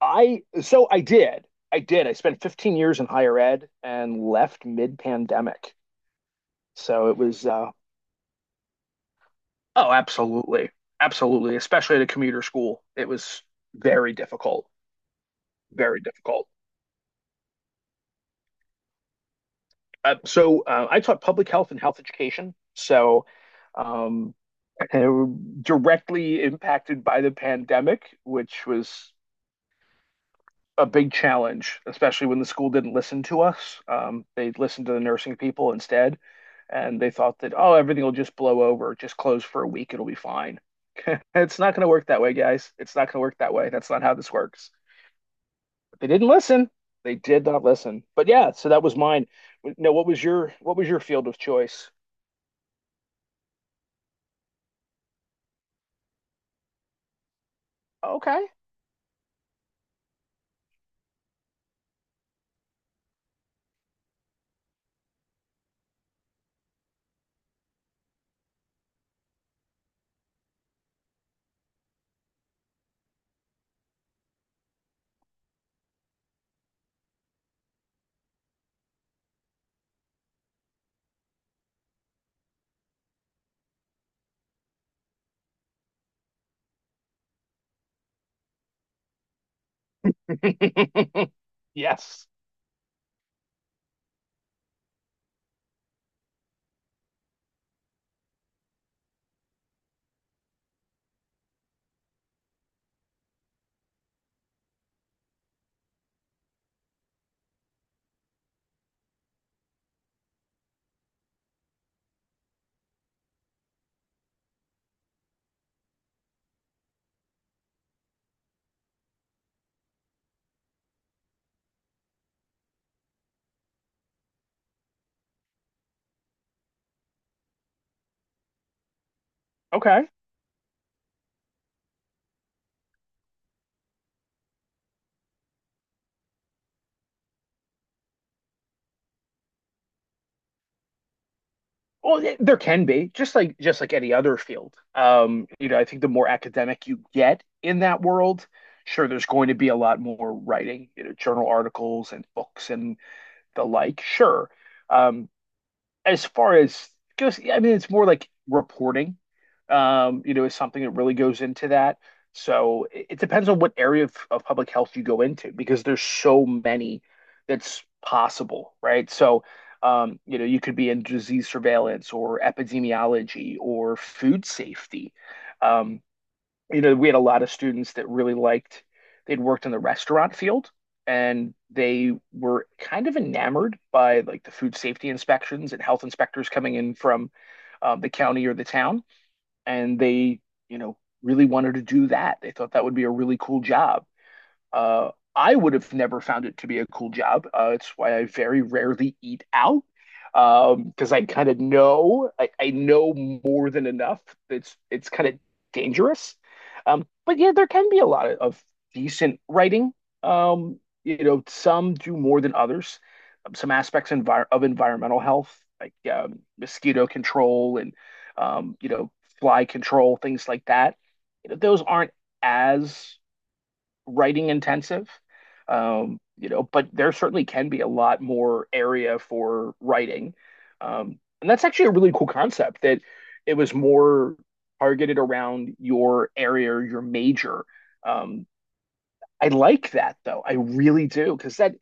I so I did. I did. I spent 15 years in higher ed and left mid-pandemic. So it was, oh, absolutely. Absolutely, especially at a commuter school. It was very difficult. Very difficult. So I taught public health and health education. So, um uh, directly impacted by the pandemic, which was a big challenge, especially when the school didn't listen to us. They listened to the nursing people instead, and they thought that, oh, everything will just blow over, just close for a week, it'll be fine. It's not going to work that way, guys. It's not going to work that way. That's not how this works. But they didn't listen. They did not listen. But yeah, so that was mine. No, what was your field of choice? Okay. Yes. Okay. Well, there can be just like any other field. I think the more academic you get in that world, sure, there's going to be a lot more writing, journal articles and books and the like. Sure, um, as far as goes, yeah, I mean, it's more like reporting, is something that really goes into that. So it depends on what area of public health you go into because there's so many that's possible, right? So, you could be in disease surveillance or epidemiology or food safety. Um, we had a lot of students that really liked, they'd worked in the restaurant field and they were kind of enamored by like the food safety inspections and health inspectors coming in from, the county or the town. And they, you know, really wanted to do that. They thought that would be a really cool job. I would have never found it to be a cool job. It's why I very rarely eat out, because I kind of know I know more than enough. It's kind of dangerous. But yeah, there can be a lot of decent writing. Some do more than others. Some aspects envir of environmental health, like, mosquito control and um, you know, fly control, things like that. Those aren't as writing intensive. But there certainly can be a lot more area for writing. And that's actually a really cool concept that it was more targeted around your area or your major. Um, I like that though. I really do because that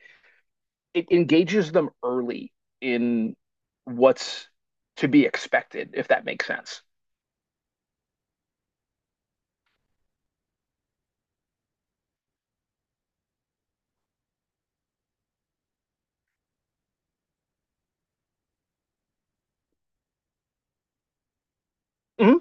it engages them early in what's to be expected, if that makes sense. Mhm.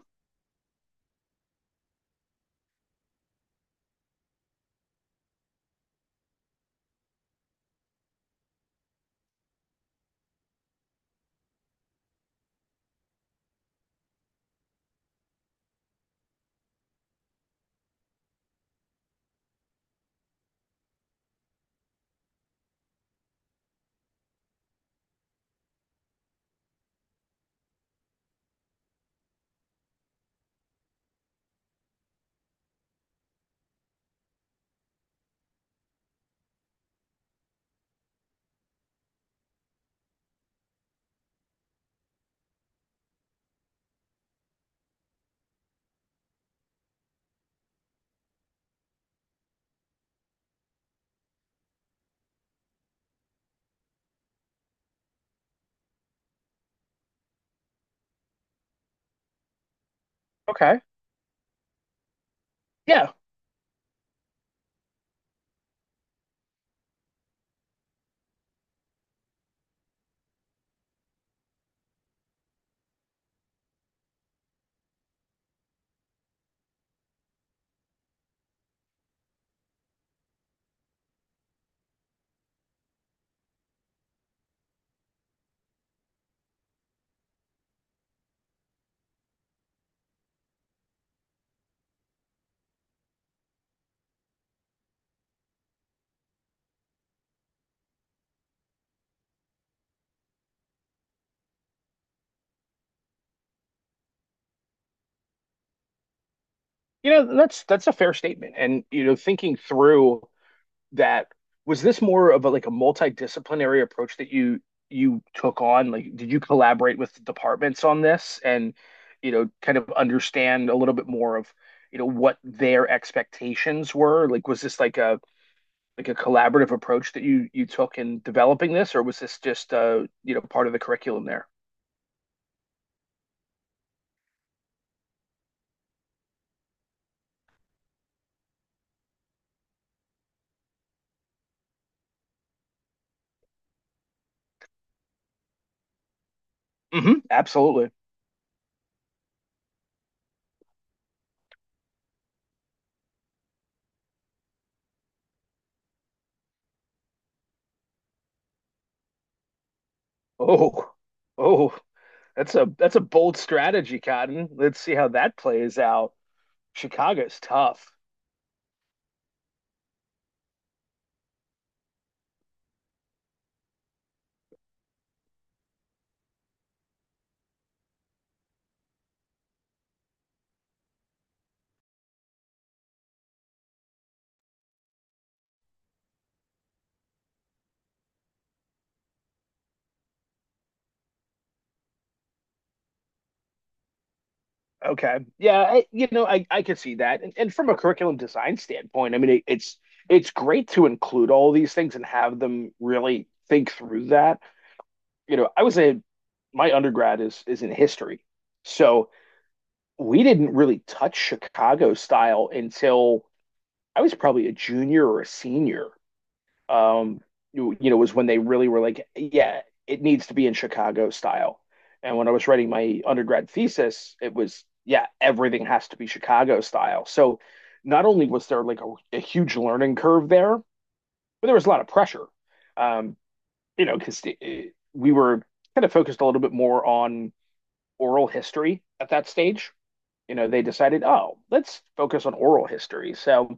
Okay. Yeah. That's a fair statement. And thinking through that, was this more of like a multidisciplinary approach that you took on? Like, did you collaborate with departments on this and kind of understand a little bit more of what their expectations were? Like, was this like a collaborative approach that you took in developing this, or was this just part of the curriculum there? Hmm, absolutely. Oh, oh, that's a bold strategy, Cotton. Let's see how that plays out. Chicago's tough. Okay. Yeah, I, you know, I can see that. And from a curriculum design standpoint, I mean, it's great to include all these things and have them really think through that. You know, I was a My undergrad is in history. So we didn't really touch Chicago style until I was probably a junior or a senior. um was when they really were like, yeah, it needs to be in Chicago style. And when I was writing my undergrad thesis, it was, yeah, everything has to be Chicago style. So not only was there like a huge learning curve there, but there was a lot of pressure, um because we were kind of focused a little bit more on oral history at that stage. They decided, oh, let's focus on oral history. So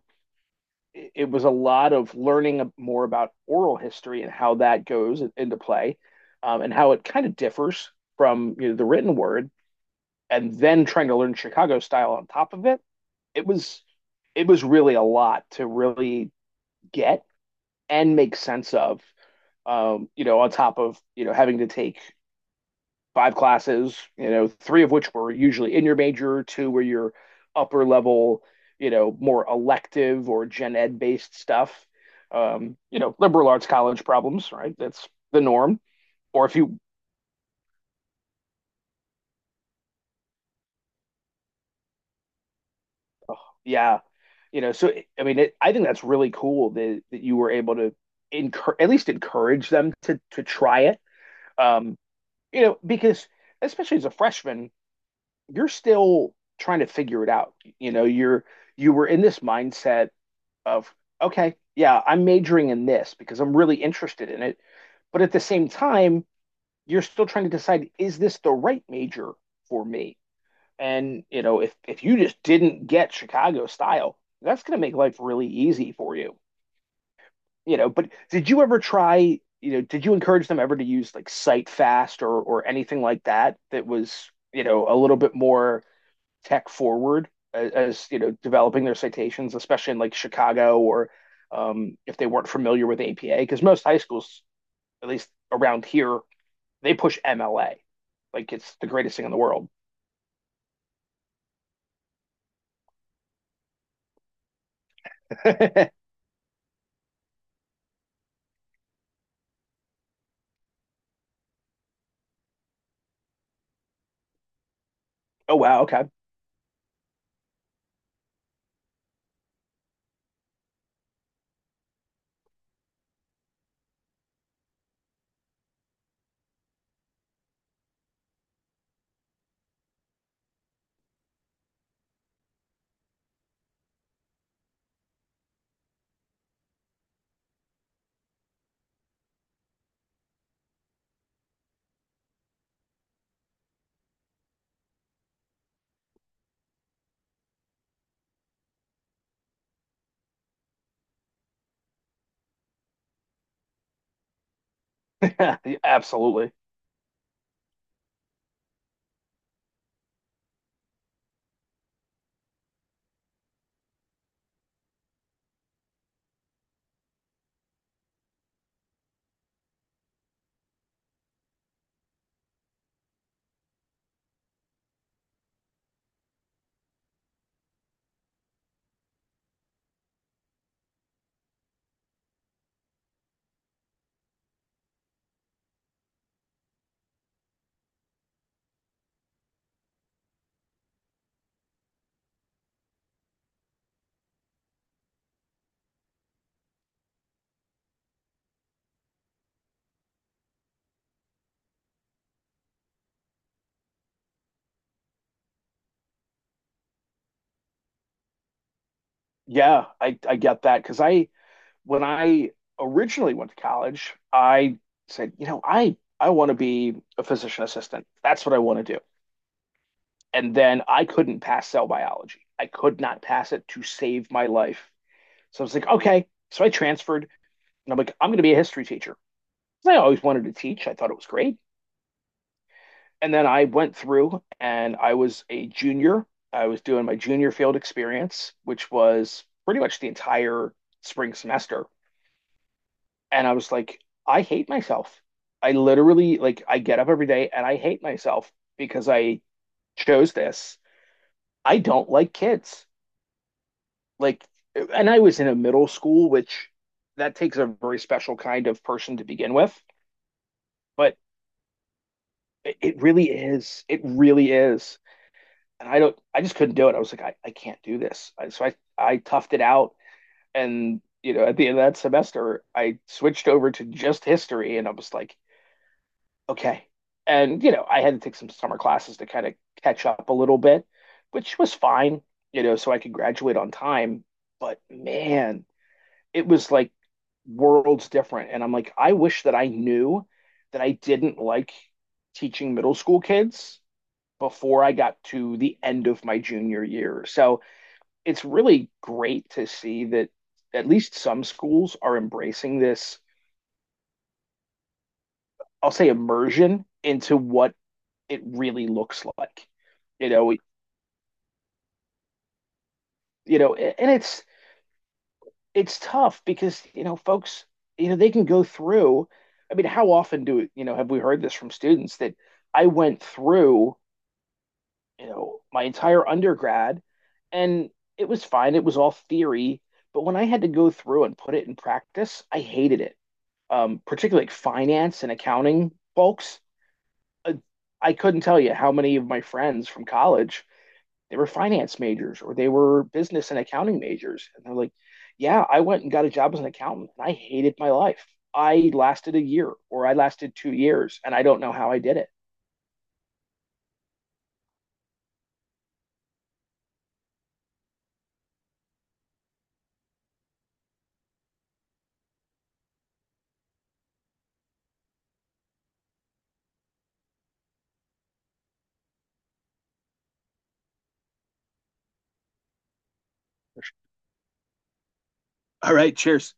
it was a lot of learning more about oral history and how that goes into play, and how it kind of differs from, the written word. And then trying to learn Chicago style on top of it. It was it was really a lot to really get and make sense of, on top of having to take five classes, three of which were usually in your major, two were your upper level, more elective or gen ed based stuff. Liberal arts college problems, right? That's the norm. Or if you, Yeah, so I mean, I think that's really cool that you were able to encourage, at least encourage them to try it. Um, because especially as a freshman, you're still trying to figure it out. You know, you were in this mindset of, okay, yeah, I'm majoring in this because I'm really interested in it. But at the same time, you're still trying to decide, is this the right major for me? And if you just didn't get Chicago style, that's going to make life really easy for you. But did you ever try? Did you encourage them ever to use like Cite Fast or anything like that that was a little bit more tech forward, as developing their citations, especially in like Chicago, or, if they weren't familiar with APA, because most high schools, at least around here, they push MLA like it's the greatest thing in the world. Oh, wow, okay, absolutely, yeah, I get that because I when I originally went to college, I said, I want to be a physician assistant. That's what I want to do. And then I couldn't pass cell biology. I could not pass it to save my life. So I was like, okay. So I transferred, and I'm like, I'm going to be a history teacher. So I always wanted to teach. I thought it was great. And then I went through and I was a junior. I was doing my junior field experience, which was pretty much the entire spring semester. And I was like, I hate myself. I literally, like, I get up every day and I hate myself because I chose this. I don't like kids. Like, and I was in a middle school, which that takes a very special kind of person to begin with, but it really is. It really is. And I just couldn't do it. I was like, I can't do this. So I toughed it out, and at the end of that semester, I switched over to just history and I was like, okay. And I had to take some summer classes to kind of catch up a little bit, which was fine, so I could graduate on time. But man, it was like worlds different. And I'm like, I wish that I knew that I didn't like teaching middle school kids before I got to the end of my junior year. So it's really great to see that at least some schools are embracing this, I'll say, immersion into what it really looks like. You know, and it's tough because folks, they can go through, I mean, how often do have we heard this from students that I went through, my entire undergrad, and it was fine, it was all theory, but when I had to go through and put it in practice, I hated it. Particularly like finance and accounting folks. uh, I couldn't tell you how many of my friends from college, they were finance majors or they were business and accounting majors. And they're like, yeah, I went and got a job as an accountant and I hated my life. I lasted a year or I lasted 2 years and I don't know how I did it. All right, cheers.